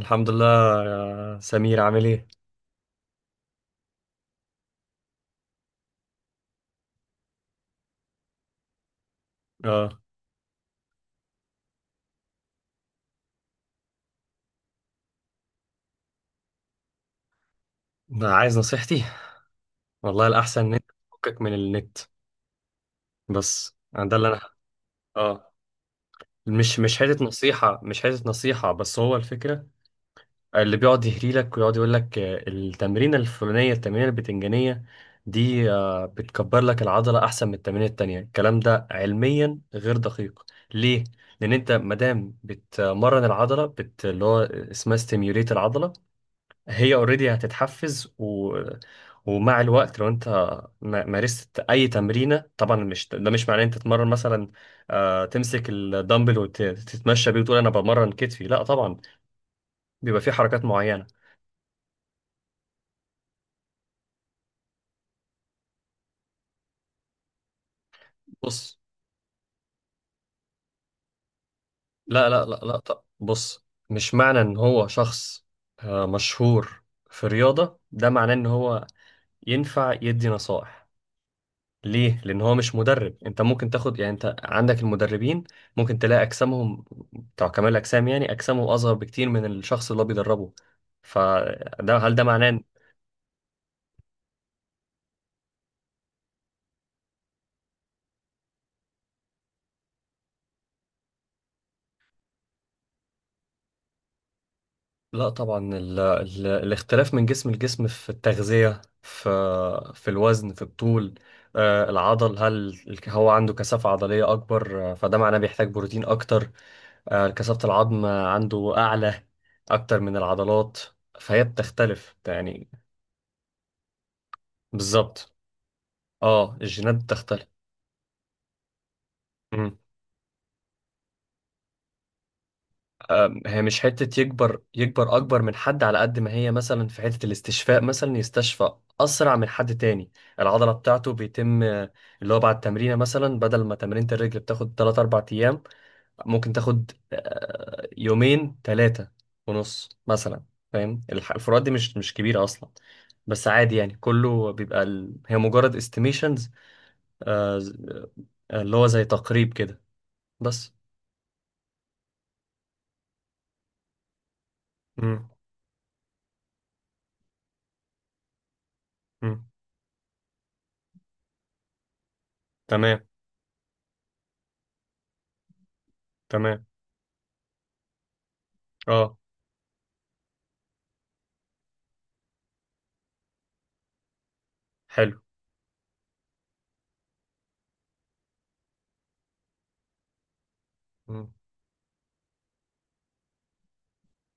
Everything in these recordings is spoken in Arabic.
الحمد لله. يا سمير، عامل ايه؟ اه. ما عايز نصيحتي. والله الأحسن إن أنت تفكك من النت. بس ده اللي أنا. اه. مش حتة نصيحة، مش حتة نصيحة، بس هو الفكرة. اللي بيقعد يهري لك ويقعد يقول لك التمرينة الفلانية، التمرينة البتنجانية دي بتكبر لك العضلة أحسن من التمرينة التانية، الكلام ده علميا غير دقيق. ليه؟ لأن أنت مادام بتمرن العضلة، اللي هو اسمها ستيميوليت العضلة، هي اوريدي هتتحفز ومع الوقت. لو انت مارست اي تمرينه، طبعا مش، ده مش معناه انت تتمرن مثلا تمسك الدمبل وتتمشى بيه وتقول انا بمرن كتفي. لا طبعا، بيبقى في حركات معينه. بص، لا لا لا لا. طب بص، مش معنى ان هو شخص مشهور في رياضه ده معناه ان هو ينفع يدي نصائح. ليه؟ لأن هو مش مدرب. أنت ممكن تاخد، يعني أنت عندك المدربين، ممكن تلاقي أجسامهم بتوع كمال الأجسام، يعني أجسامهم أصغر بكتير من الشخص اللي هو بيدربه، فده هل ده معناه. لا طبعا، الاختلاف من جسم لجسم، في التغذية، في الوزن، في الطول. العضل، هل هو عنده كثافة عضلية أكبر؟ فده معناه بيحتاج بروتين أكتر. كثافة العظم عنده أعلى أكتر من العضلات، فهي بتختلف يعني. بالظبط. اه، الجينات بتختلف. مم. هي مش حتة يكبر، يكبر أكبر من حد، على قد ما هي مثلا في حتة الاستشفاء، مثلا يستشفى أسرع من حد تاني. العضلة بتاعته بيتم، اللي هو بعد تمرينة، مثلا بدل ما تمرينة الرجل بتاخد 3 4 أيام، ممكن تاخد يومين، 3 ونص مثلا. فاهم الفروقات دي مش كبيرة أصلا، بس عادي. يعني كله بيبقى، هي مجرد استيميشنز، اللي هو زي تقريب كده بس. مم. مم. تمام. تمام، اه. حلو. مم.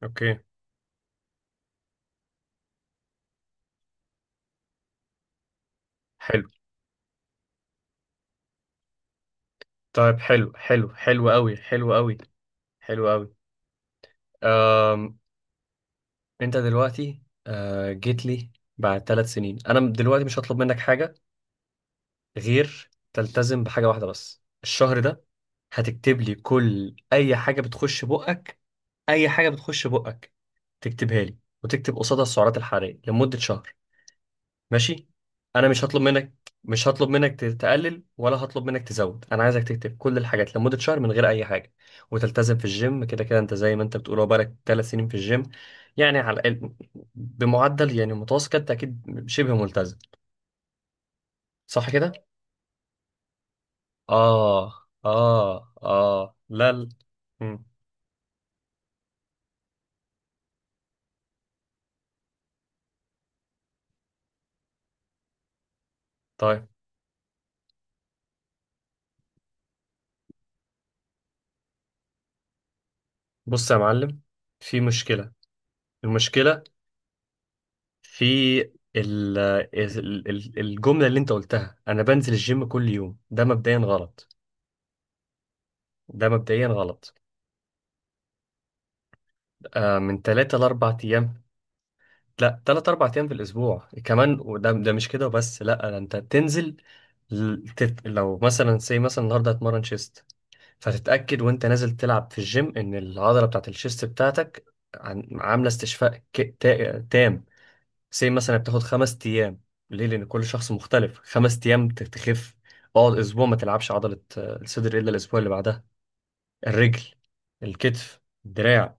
اوكي. حلو. طيب حلو، حلو، حلو قوي، حلو قوي، حلو قوي. أم... انت دلوقتي جيت لي بعد 3 سنين. انا دلوقتي مش هطلب منك حاجة غير تلتزم بحاجة واحدة بس الشهر ده. هتكتب لي كل اي حاجة بتخش بقك، اي حاجة بتخش بقك تكتبها لي، وتكتب قصادها السعرات الحرارية لمدة شهر. ماشي. انا مش هطلب منك تقلل، ولا هطلب منك تزود. انا عايزك تكتب كل الحاجات لمدة شهر من غير اي حاجة، وتلتزم في الجيم كده كده. انت زي ما انت بتقول، هو بقالك 3 سنين في الجيم، يعني على الاقل بمعدل، يعني متوسط كده، انت اكيد شبه ملتزم. صح كده. اه. اه، اه لا لا. مم. طيب بص يا معلم، في مشكلة. المشكلة في الجملة اللي انت قلتها، انا بنزل الجيم كل يوم، ده مبدئيا غلط، ده مبدئيا غلط. من 3 ل 4 أيام. لا، 3 4 أيام في الأسبوع. كمان وده مش كده وبس. لا، ده أنت تنزل، لو مثلا، سي مثلا النهاردة هتمرن شيست، فتتأكد وأنت نازل تلعب في الجيم إن العضلة بتاعة الشيست بتاعتك عاملة استشفاء تام. سي مثلا بتاخد 5 أيام. ليه؟ لأن كل شخص مختلف. 5 أيام تخف. اقعد أسبوع ما تلعبش عضلة الصدر إلا الأسبوع اللي بعدها. الرجل، الكتف، الدراع.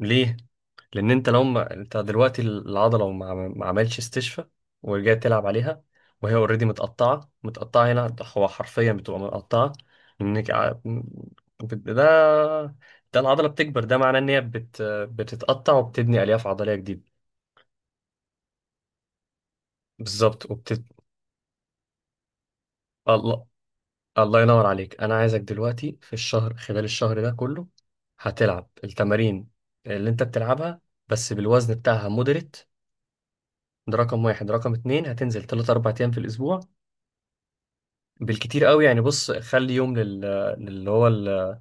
ليه؟ لان انت لو، ما انت دلوقتي العضله ما عملش استشفاء ورجعت تلعب عليها وهي اوريدي متقطعه متقطعه، هنا هو حرفيا بتبقى متقطعه. انك ع- ده، ده العضله بتكبر، ده معناه ان هي بتتقطع وبتبني الياف عضليه جديده. بالظبط الله، الله ينور عليك. انا عايزك دلوقتي في الشهر، خلال الشهر ده كله، هتلعب التمارين اللي انت بتلعبها، بس بالوزن بتاعها مودريت. ده رقم واحد. رقم اتنين، هتنزل 3 4 أيام في الأسبوع بالكتير قوي. يعني بص، خلي يوم لل... للي هو ال...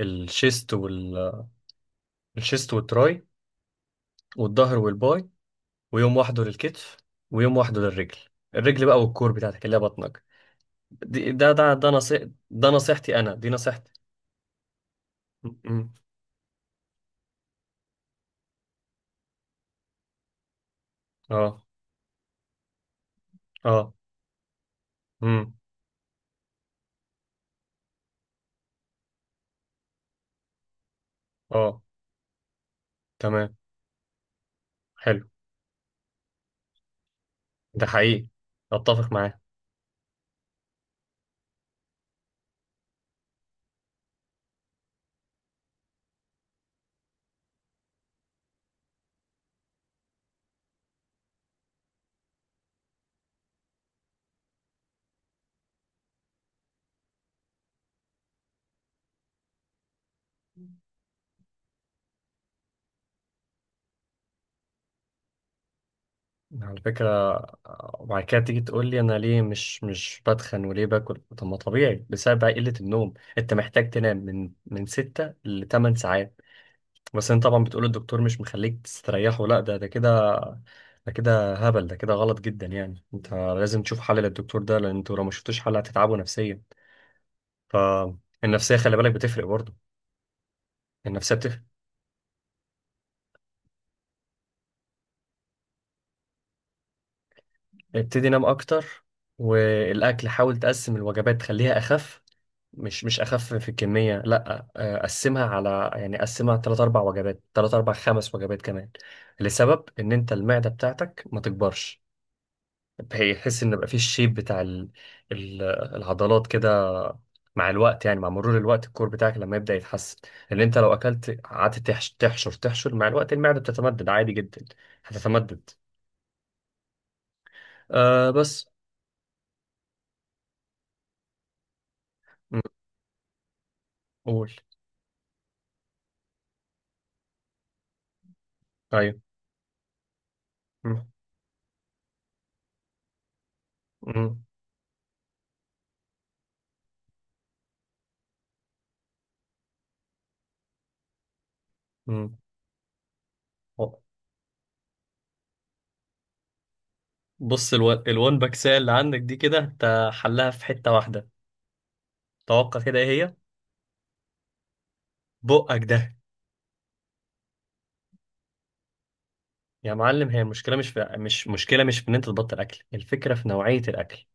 الشيست وال... الشيست والتراي، والظهر والباي، ويوم واحده للكتف، ويوم واحده للرجل. الرجل بقى والكور بتاعتك اللي هي بطنك. ده نصيح، ده نصيحتي انا، دي نصيحتي. م- م. اه. اه. م. اه. تمام. حلو. ده حقيقي. اتفق معاه. على فكرة، وبعد كده تيجي تقول لي انا ليه مش بتخن وليه باكل. طب ما طبيعي، بسبب بقى قلة النوم، انت محتاج تنام من 6 ل 8 ساعات. بس انت طبعا بتقول الدكتور مش مخليك تستريح، ولا ده كده. ده كده هبل، ده كده غلط جدا. يعني انت لازم تشوف حل للدكتور ده، لان انتوا لو ما شفتوش حل هتتعبوا نفسيا. فالنفسية خلي بالك بتفرق برضه. النفسية بتفرق. ابتدي نام اكتر، والاكل حاول تقسم الوجبات تخليها اخف. مش اخف في الكميه، لا. قسمها على يعني قسمها ثلاث اربع وجبات، ثلاث اربع خمس وجبات كمان. لسبب ان انت المعده بتاعتك ما تكبرش، هي تحس ان بقى في الشيب بتاع ال- العضلات كده. مع الوقت، يعني مع مرور الوقت الكور بتاعك لما يبدا يتحسن. لان انت لو اكلت قعدت تحشر تحشر، مع الوقت المعده بتتمدد عادي جدا، هتتمدد. آه بس. م. قول. ايوه. م. م. م. بص، الوان باكسية اللي عندك دي كده انت حلها في حتة واحدة. توقع كده ايه هي؟ بقك ده. يا معلم، هي المشكلة مش مشكلة، مش في ان انت تبطل اكل، الفكرة في نوعية الاكل.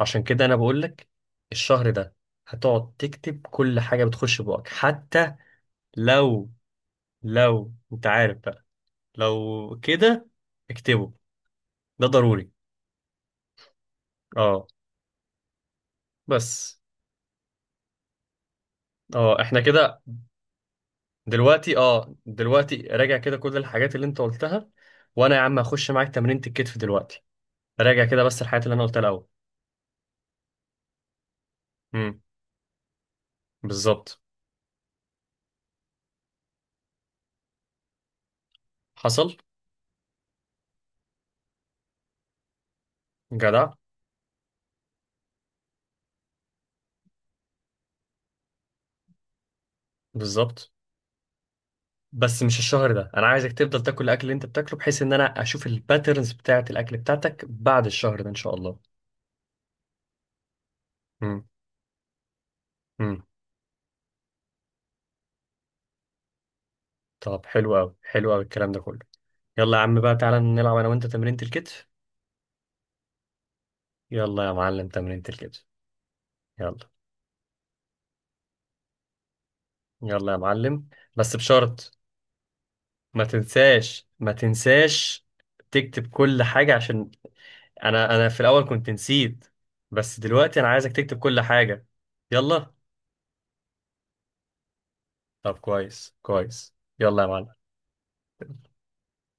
عشان كده انا بقول لك، الشهر ده هتقعد تكتب كل حاجة بتخش بقك. حتى لو لو انت عارف بقى، لو كده اكتبه، ده ضروري. اه. بس. اه احنا كده. دلوقتي، دلوقتي راجع كده كل الحاجات اللي انت قلتها، وانا يا عم هخش معاك تمرينة الكتف دلوقتي. راجع كده بس الحاجات اللي انا قلتها الاول. امم. بالظبط. حصل. جدع. بالظبط. بس مش الشهر ده، انا عايزك تفضل تاكل الاكل اللي انت بتاكله بحيث ان انا اشوف الباترنز بتاعه الاكل بتاعتك بعد الشهر ده ان شاء الله. امم. امم. طب حلو قوي، حلو قوي الكلام ده كله. يلا يا عم بقى، تعالى نلعب انا وانت تمرينة الكتف. يلا يا معلم، تمرينة الكتف. يلا. يلا يا معلم. بس بشرط، ما تنساش، ما تنساش تكتب كل حاجة، عشان انا، في الاول كنت نسيت، بس دلوقتي انا عايزك تكتب كل حاجة. يلا. طب كويس، كويس. يلا يا معلم.